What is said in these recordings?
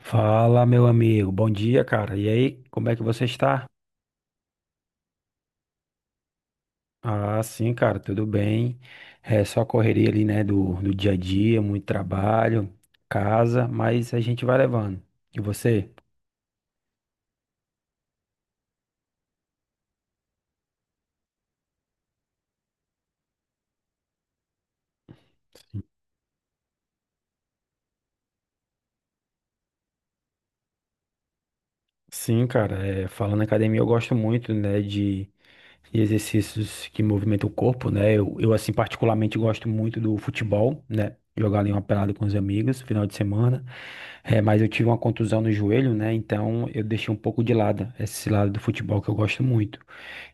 Fala, meu amigo. Bom dia, cara. E aí, como é que você está? Ah, sim, cara, tudo bem. É só correria ali, né, do dia a dia, muito trabalho, casa, mas a gente vai levando. E você? Sim, cara, é, falando em academia, eu gosto muito, né, de e exercícios que movimentam o corpo, né? Assim, particularmente gosto muito do futebol, né? Jogar ali uma pelada com os amigos, final de semana. É, mas eu tive uma contusão no joelho, né? Então eu deixei um pouco de lado esse lado do futebol que eu gosto muito.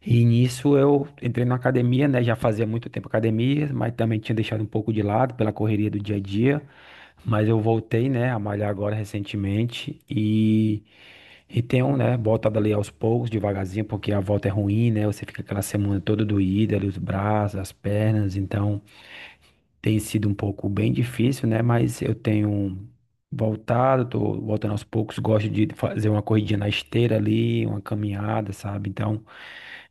E nisso eu entrei na academia, né? Já fazia muito tempo academia, mas também tinha deixado um pouco de lado pela correria do dia a dia. Mas eu voltei, né, a malhar agora recentemente e tem um, né, botado ali aos poucos, devagarzinho, porque a volta é ruim, né? Você fica aquela semana toda doída ali, os braços, as pernas, então tem sido um pouco bem difícil, né? Mas eu tenho voltado, tô voltando aos poucos, gosto de fazer uma corridinha na esteira ali, uma caminhada, sabe? Então,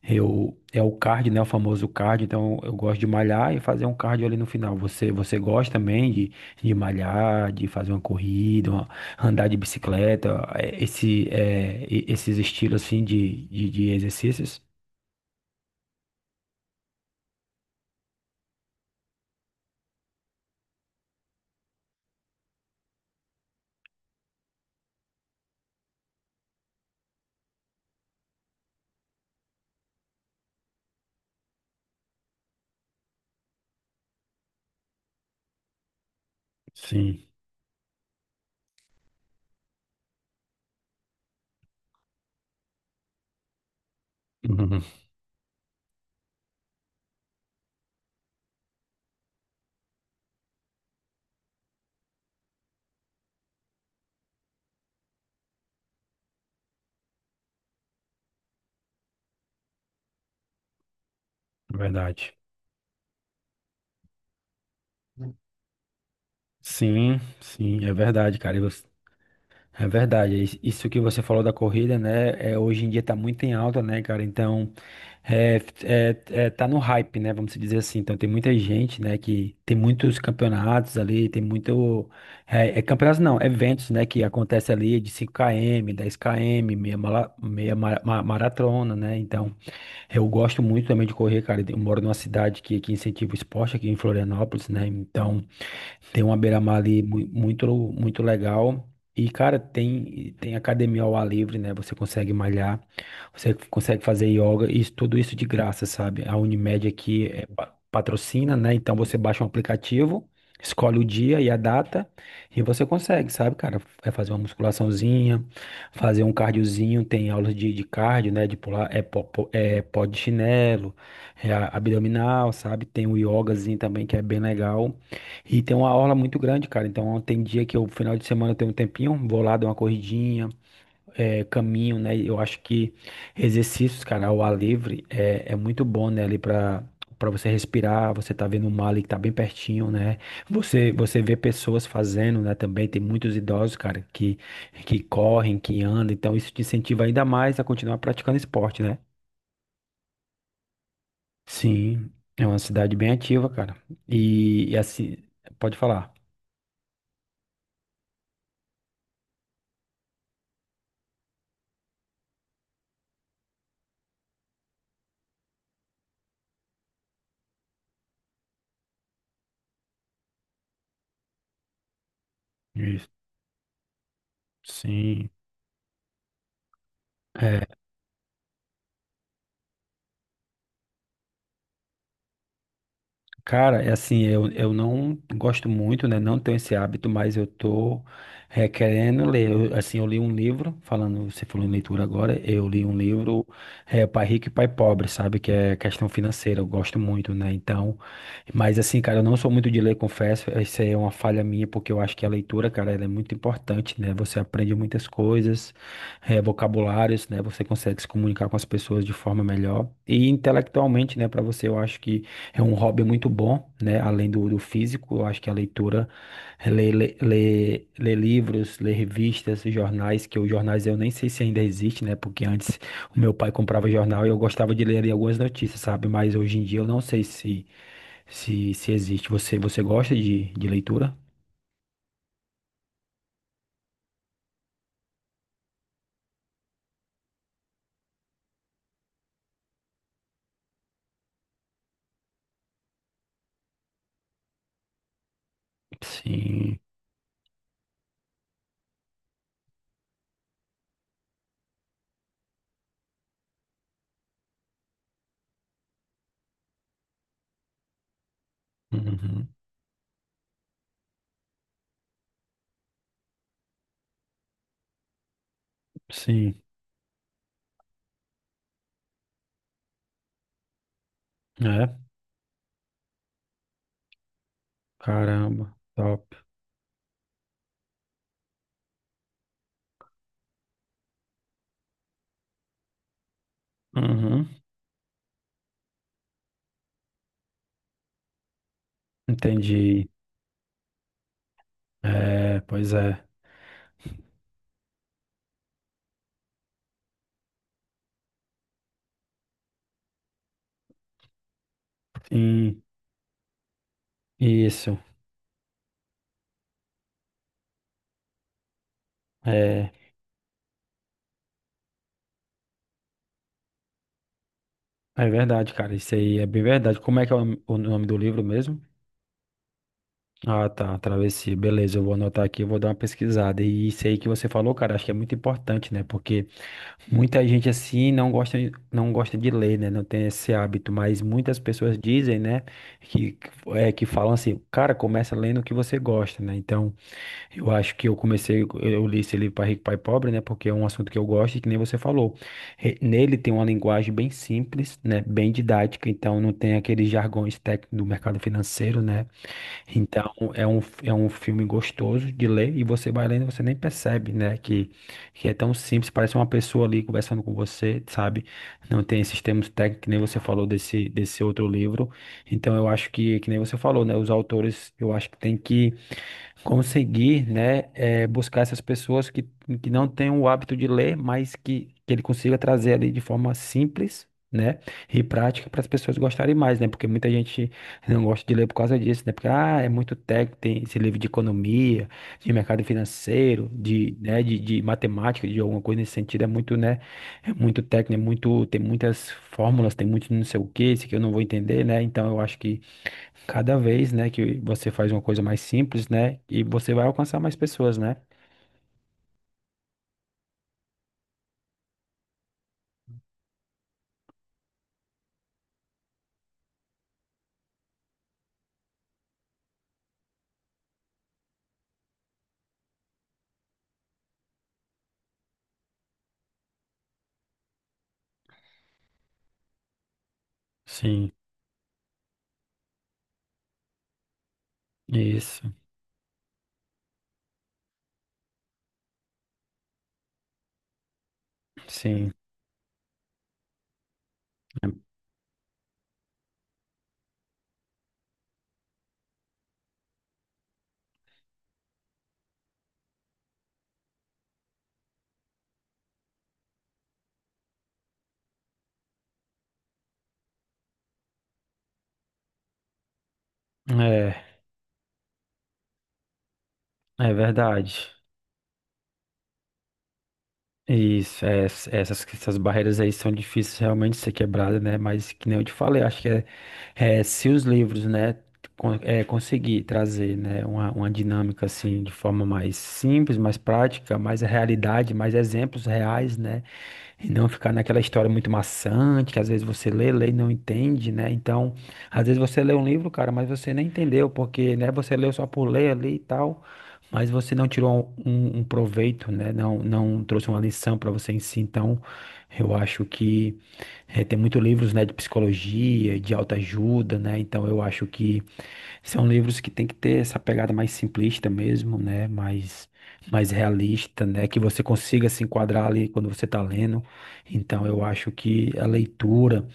eu é o cardio, né? O famoso cardio. Então, eu gosto de malhar e fazer um cardio ali no final. Você gosta também de malhar, de fazer uma corrida, uma- andar de bicicleta, esse esses estilos assim de, de exercícios? Sim, verdade. Sim, sim, é verdade, cara. E você é verdade, isso que você falou da corrida, né? É, hoje em dia tá muito em alta, né, cara? Então, é, é, é, tá no hype, né? Vamos dizer assim. Então, tem muita gente, né, que tem muitos campeonatos ali, tem muito. É, é campeonatos não, eventos, né, que acontece ali de 5 km, 10 km, meia, maratona, né? Então, eu gosto muito também de correr, cara. Eu moro numa cidade que incentiva o esporte aqui em Florianópolis, né? Então. Tem uma beira-mar ali muito, muito legal. E, cara, tem, tem academia ao ar livre, né? Você consegue malhar, você consegue fazer yoga, isso, tudo isso de graça, sabe? A Unimed aqui é, patrocina, né? Então você baixa um aplicativo, escolhe o dia e a data, e você consegue, sabe, cara? É fazer uma musculaçãozinha, fazer um cardiozinho, tem aulas de cardio, né? De pular, é, é pó de chinelo, é abdominal, sabe? Tem o yogazinho também, que é bem legal. E tem uma orla muito grande, cara. Então tem dia que eu, final de semana, eu tenho um tempinho, vou lá, dou uma corridinha, caminho, né? Eu acho que exercícios, cara, ao ar livre é, é muito bom, né? Ali pra, pra você respirar, você tá vendo o mar ali que tá bem pertinho, né? Você vê pessoas fazendo, né? Também tem muitos idosos, cara, que correm, que andam. Então isso te incentiva ainda mais a continuar praticando esporte, né? Sim, é uma cidade bem ativa, cara. E assim, pode falar. Isso. Sim, é, cara, é assim, eu não gosto muito, né? Não tenho esse hábito, mas eu tô requerendo ler. Eu, assim, eu li um livro, falando, você falou em leitura agora, eu li um livro, é, Pai Rico e Pai Pobre, sabe? Que é questão financeira, eu gosto muito, né? Então, mas assim, cara, eu não sou muito de ler, confesso, isso aí é uma falha minha, porque eu acho que a leitura, cara, ela é muito importante, né? Você aprende muitas coisas, é, vocabulários, né? Você consegue se comunicar com as pessoas de forma melhor. E intelectualmente, né, para você, eu acho que é um hobby muito bom, né? Além do físico, eu acho que a leitura, é, ler livros, ler revistas, jornais, que os jornais eu nem sei se ainda existe, né? Porque antes o meu pai comprava jornal e eu gostava de ler ali algumas notícias, sabe? Mas hoje em dia eu não sei se se existe. Você gosta de leitura? Sim. Uhum. Sim. É. Caramba. Top. Uhum. Entendi. É, pois é. Sim. Isso. É. É verdade, cara. Isso aí é bem verdade. Como é que é o nome do livro mesmo? Ah, tá. Travessia. Beleza, eu vou anotar aqui, eu vou dar uma pesquisada. E isso aí que você falou, cara, acho que é muito importante, né? Porque muita gente assim não gosta, não gosta de ler, né? Não tem esse hábito. Mas muitas pessoas dizem, né? Que, é, que falam assim, cara, começa lendo o que você gosta, né? Então. Eu acho que eu comecei, eu li esse livro Pai Rico, Pai Pobre, né? Porque é um assunto que eu gosto e que nem você falou. Nele tem uma linguagem bem simples, né? Bem didática, então não tem aqueles jargões técnicos do mercado financeiro, né? Então é um filme gostoso de ler e você vai lendo e você nem percebe, né? Que é tão simples, parece uma pessoa ali conversando com você, sabe? Não tem esses termos técnicos, que nem você falou desse, desse outro livro. Então eu acho que nem você falou, né? Os autores, eu acho que tem que conseguir, né, buscar essas pessoas que não têm o hábito de ler, mas que ele consiga trazer ali de forma simples, né, e prática para as pessoas gostarem mais, né, porque muita gente não gosta de ler por causa disso, né, porque, ah, é muito técnico, tem esse livro de economia, de mercado financeiro, de, né, de matemática, de alguma coisa nesse sentido, é muito, né, é muito técnico, é muito, tem muitas fórmulas, tem muito não sei o que, isso que eu não vou entender, né, então eu acho que cada vez, né, que você faz uma coisa mais simples, né, e você vai alcançar mais pessoas, né? Sim, isso. Sim, é, é verdade. Isso, é, essas, essas barreiras aí são difíceis realmente de ser quebradas, né? Mas que nem eu te falei, acho que é, é, se os livros, né, é, conseguir trazer, né, uma dinâmica assim de forma mais simples, mais prática, mais realidade, mais exemplos reais, né? E não ficar naquela história muito maçante, que às vezes você lê, lê e não entende, né? Então, às vezes você lê um livro, cara, mas você nem entendeu, porque, né, você leu só por ler ali e tal, mas você não tirou um, um proveito, né? Não, não trouxe uma lição para você em si. Então, eu acho que tem muitos livros, né, de psicologia, de autoajuda, né? Então, eu acho que são livros que tem que ter essa pegada mais simplista mesmo, né? Mais, mais realista, né? Que você consiga se enquadrar ali quando você está lendo. Então, eu acho que a leitura,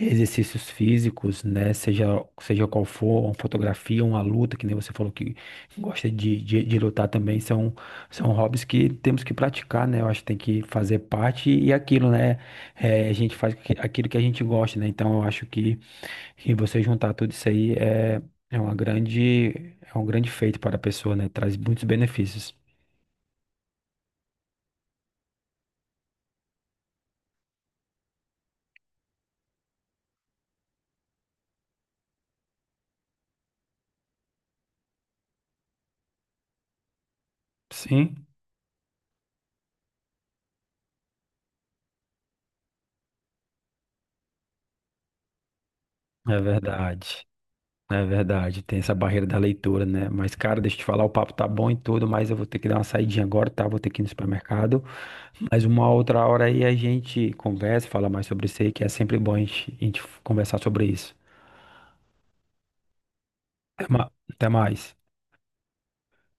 exercícios físicos, né? Seja, seja qual for, uma fotografia, uma luta, que nem você falou que gosta de, de lutar também, são, são hobbies que temos que praticar, né? Eu acho que tem que fazer parte e é aquilo, né? É, a gente faz aquilo que a gente gosta, né? Então, eu acho que. E você juntar tudo isso aí é, é uma grande, é um grande feito para a pessoa, né? Traz muitos benefícios. Sim, é verdade. É verdade. Tem essa barreira da leitura, né? Mas, cara, deixa eu te falar, o papo tá bom e tudo, mas eu vou ter que dar uma saidinha agora, tá? Vou ter que ir no supermercado. Mas uma outra hora aí a gente conversa, fala mais sobre isso aí, que é sempre bom a gente conversar sobre isso. Até mais.